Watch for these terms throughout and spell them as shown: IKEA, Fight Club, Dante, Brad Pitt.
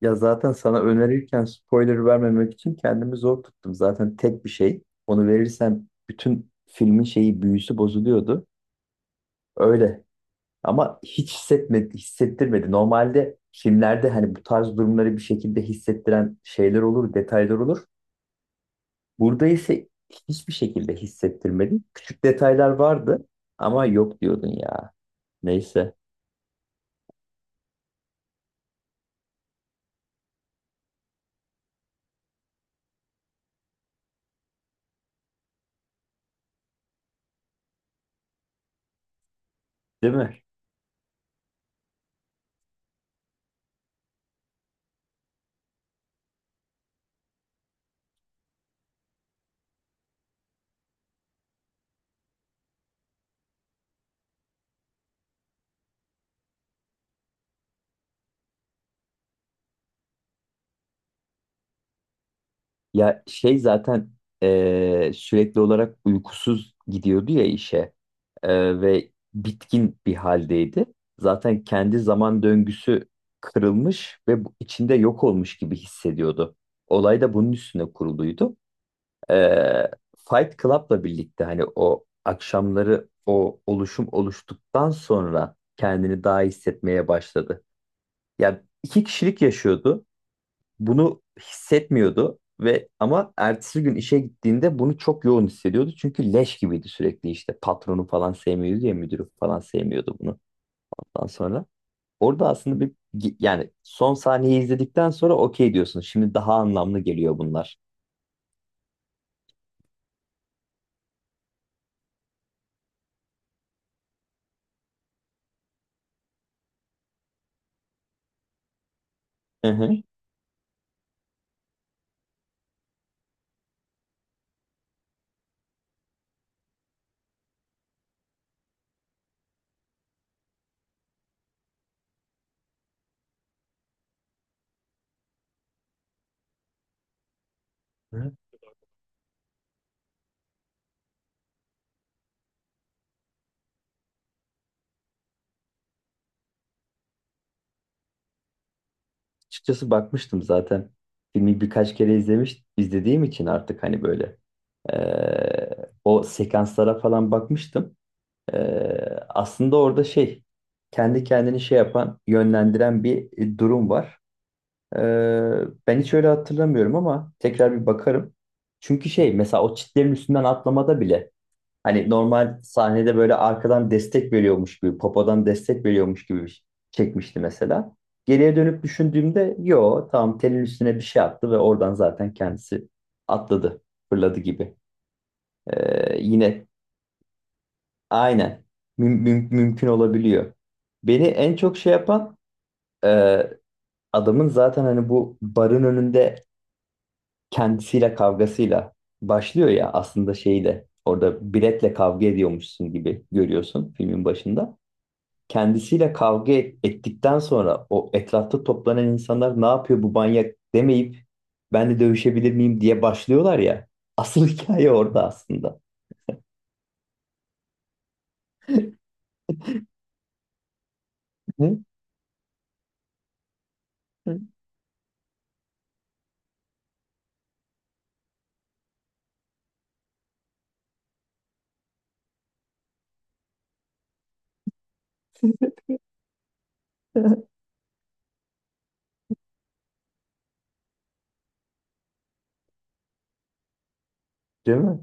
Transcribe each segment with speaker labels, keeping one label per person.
Speaker 1: Ya zaten sana önerirken spoiler vermemek için kendimi zor tuttum. Zaten tek bir şey. Onu verirsem bütün filmin büyüsü bozuluyordu. Öyle. Ama hiç hissetmedi, hissettirmedi. Normalde filmlerde hani bu tarz durumları bir şekilde hissettiren şeyler olur, detaylar olur. Burada ise hiçbir şekilde hissettirmedi. Küçük detaylar vardı ama yok diyordun ya. Neyse, değil mi? Ya şey zaten sürekli olarak uykusuz gidiyordu ya işe. Ve bitkin bir haldeydi. Zaten kendi zaman döngüsü kırılmış ve içinde yok olmuş gibi hissediyordu. Olay da bunun üstüne kuruluydu. Eee, Fight Club'la birlikte hani o akşamları o oluşum oluştuktan sonra kendini daha iyi hissetmeye başladı. Ya iki kişilik yaşıyordu, bunu hissetmiyordu ve ama ertesi gün işe gittiğinde bunu çok yoğun hissediyordu. Çünkü leş gibiydi sürekli, işte patronu falan sevmiyordu ya, müdürü falan sevmiyordu bunu. Ondan sonra orada aslında bir, yani son sahneyi izledikten sonra okey diyorsun. Şimdi daha anlamlı geliyor bunlar. Hı hı. Hı. Açıkçası bakmıştım zaten. Filmi birkaç kere izlediğim için artık hani böyle o sekanslara falan bakmıştım. Ee, Aslında orada şey kendi kendini şey yapan, yönlendiren bir durum var. Ee, Ben hiç öyle hatırlamıyorum ama tekrar bir bakarım. Çünkü şey mesela o çitlerin üstünden atlamada bile hani normal sahnede böyle arkadan destek veriyormuş gibi, popodan destek veriyormuş gibi çekmişti mesela. Geriye dönüp düşündüğümde yo tamam, telin üstüne bir şey attı ve oradan zaten kendisi atladı, fırladı gibi. Yine aynen. Mümkün olabiliyor. Beni en çok şey yapan, e, adamın zaten hani bu barın önünde kendisiyle kavgasıyla başlıyor ya, aslında şeyi de orada biletle kavga ediyormuşsun gibi görüyorsun filmin başında. Kendisiyle ettikten sonra o etrafta toplanan insanlar ne yapıyor bu manyak demeyip ben de dövüşebilir miyim diye başlıyorlar ya. Asıl hikaye orada aslında. Değil mi?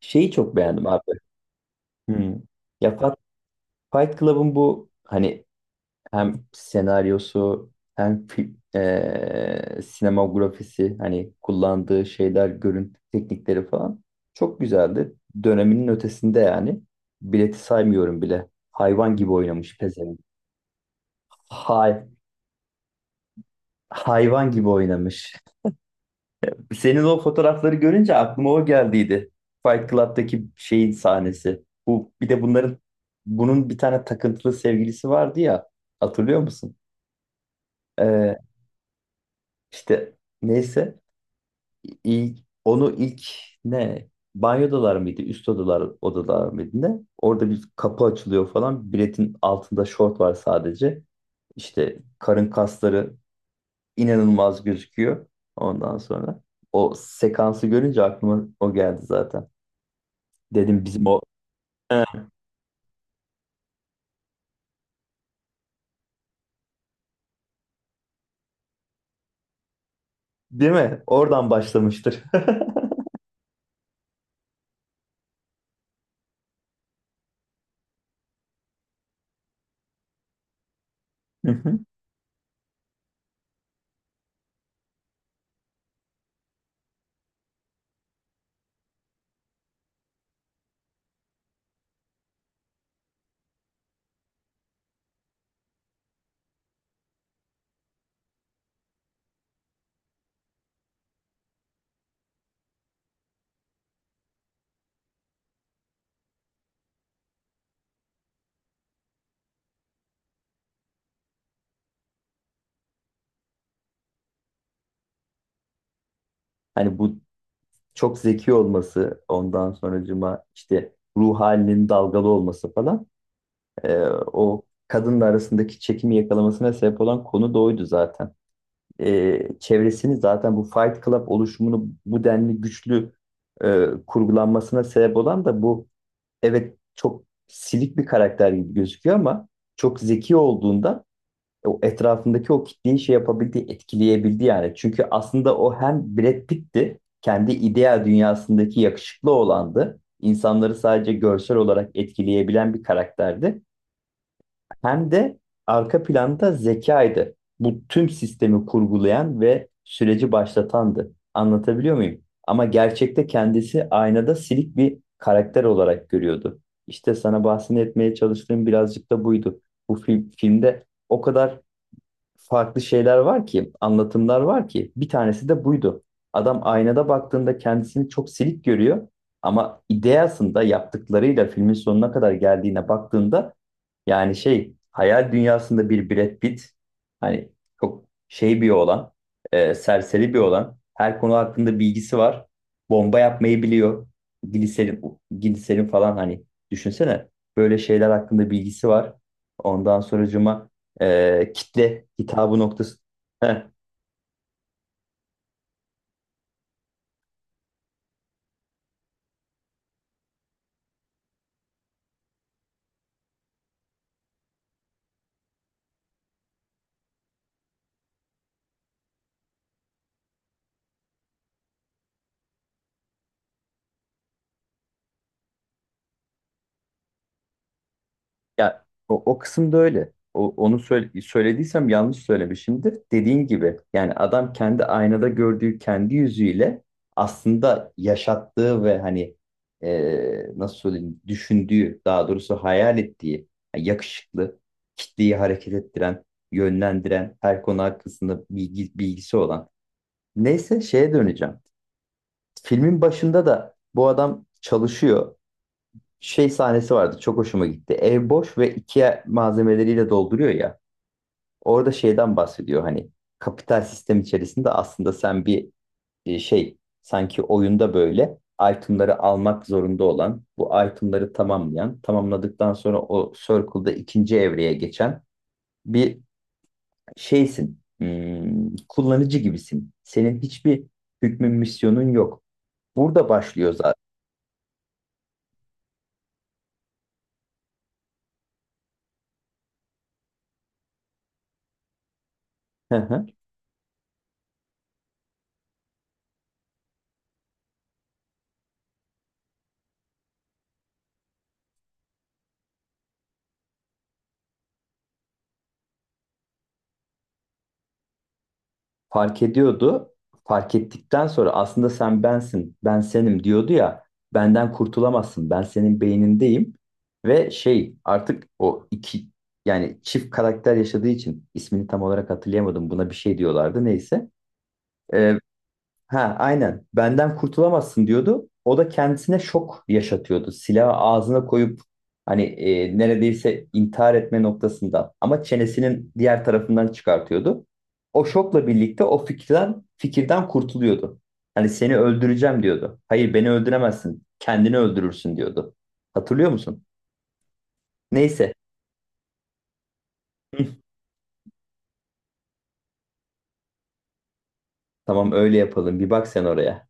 Speaker 1: Şeyi çok beğendim abi. Hmm. Ya Fa- Fight Club'ın bu hani hem senaryosu hem sinemografisi, hani kullandığı şeyler, görüntü teknikleri falan çok güzeldi. Döneminin ötesinde yani. Bileti saymıyorum bile. Hayvan gibi oynamış pezevenk. Hay hayvan gibi oynamış. Senin o fotoğrafları görünce aklıma o geldiydi. Fight Club'daki şeyin sahnesi. Bu bir de bunların bunun bir tane takıntılı sevgilisi vardı ya. Hatırlıyor musun? Ee, işte neyse, ilk ilk ne, banyodalar mıydı? Üst odalar mıydı ne? Orada bir kapı açılıyor falan. Biletin altında şort var sadece. İşte karın kasları inanılmaz gözüküyor. Ondan sonra o sekansı görünce aklıma o geldi zaten. Dedim bizim o. He, değil mi? Oradan başlamıştır. Hı hı. Hani bu çok zeki olması, ondan sonracıma işte ruh halinin dalgalı olması falan, e, o kadınla arasındaki çekimi yakalamasına sebep olan konu da oydu zaten. Çevresini zaten bu Fight Club oluşumunu bu denli güçlü kurgulanmasına sebep olan da bu, evet, çok silik bir karakter gibi gözüküyor ama çok zeki olduğunda, o etrafındaki o kitleyi şey yapabildi, etkileyebildi yani. Çünkü aslında o hem Brad Pitt'ti, kendi ideal dünyasındaki yakışıklı olandı. İnsanları sadece görsel olarak etkileyebilen bir karakterdi. Hem de arka planda zekaydı. Bu tüm sistemi kurgulayan ve süreci başlatandı. Anlatabiliyor muyum? Ama gerçekte kendisi aynada silik bir karakter olarak görüyordu. İşte sana bahsetmeye çalıştığım birazcık da buydu. Filmde o kadar farklı şeyler var ki, anlatımlar var ki. Bir tanesi de buydu. Adam aynada baktığında kendisini çok silik görüyor ama ideasında yaptıklarıyla filmin sonuna kadar geldiğine baktığında, yani şey hayal dünyasında bir Brad Pitt, hani çok şey bir olan, serseri bir olan, her konu hakkında bilgisi var. Bomba yapmayı biliyor. Gliserin falan, hani düşünsene, böyle şeyler hakkında bilgisi var. Ondan sonracıma kitle hitabı noktası. Ya o kısımda öyle. Onu söylediysem yanlış söylemişimdir. Dediğin gibi, yani adam kendi aynada gördüğü kendi yüzüyle aslında yaşattığı ve hani, e, nasıl söyleyeyim, düşündüğü, daha doğrusu hayal ettiği, yani yakışıklı, kitleyi hareket ettiren, yönlendiren, her konu hakkında bilgisi olan. Neyse, şeye döneceğim. Filmin başında da bu adam çalışıyor, şey sahnesi vardı. Çok hoşuma gitti. Ev boş ve IKEA malzemeleriyle dolduruyor ya. Orada şeyden bahsediyor hani: kapital sistem içerisinde aslında sen bir, şey, sanki oyunda böyle itemları almak zorunda olan, bu itemları tamamlayan, tamamladıktan sonra o circle'da ikinci evreye geçen bir şeysin. Hmm, kullanıcı gibisin. Senin hiçbir hükmün, misyonun yok. Burada başlıyor zaten. Fark ediyordu. Fark ettikten sonra aslında sen bensin, ben senim diyordu ya. Benden kurtulamazsın. Ben senin beynindeyim. Ve şey, artık o iki, yani çift karakter yaşadığı için ismini tam olarak hatırlayamadım. Buna bir şey diyorlardı neyse. Ee, Ha, aynen. Benden kurtulamazsın diyordu. O da kendisine şok yaşatıyordu. Silahı ağzına koyup hani, neredeyse intihar etme noktasında ama çenesinin diğer tarafından çıkartıyordu. O şokla birlikte o fikirden kurtuluyordu. Hani seni öldüreceğim diyordu. Hayır, beni öldüremezsin. Kendini öldürürsün diyordu. Hatırlıyor musun? Neyse. Hı, tamam, öyle yapalım. Bir bak sen oraya.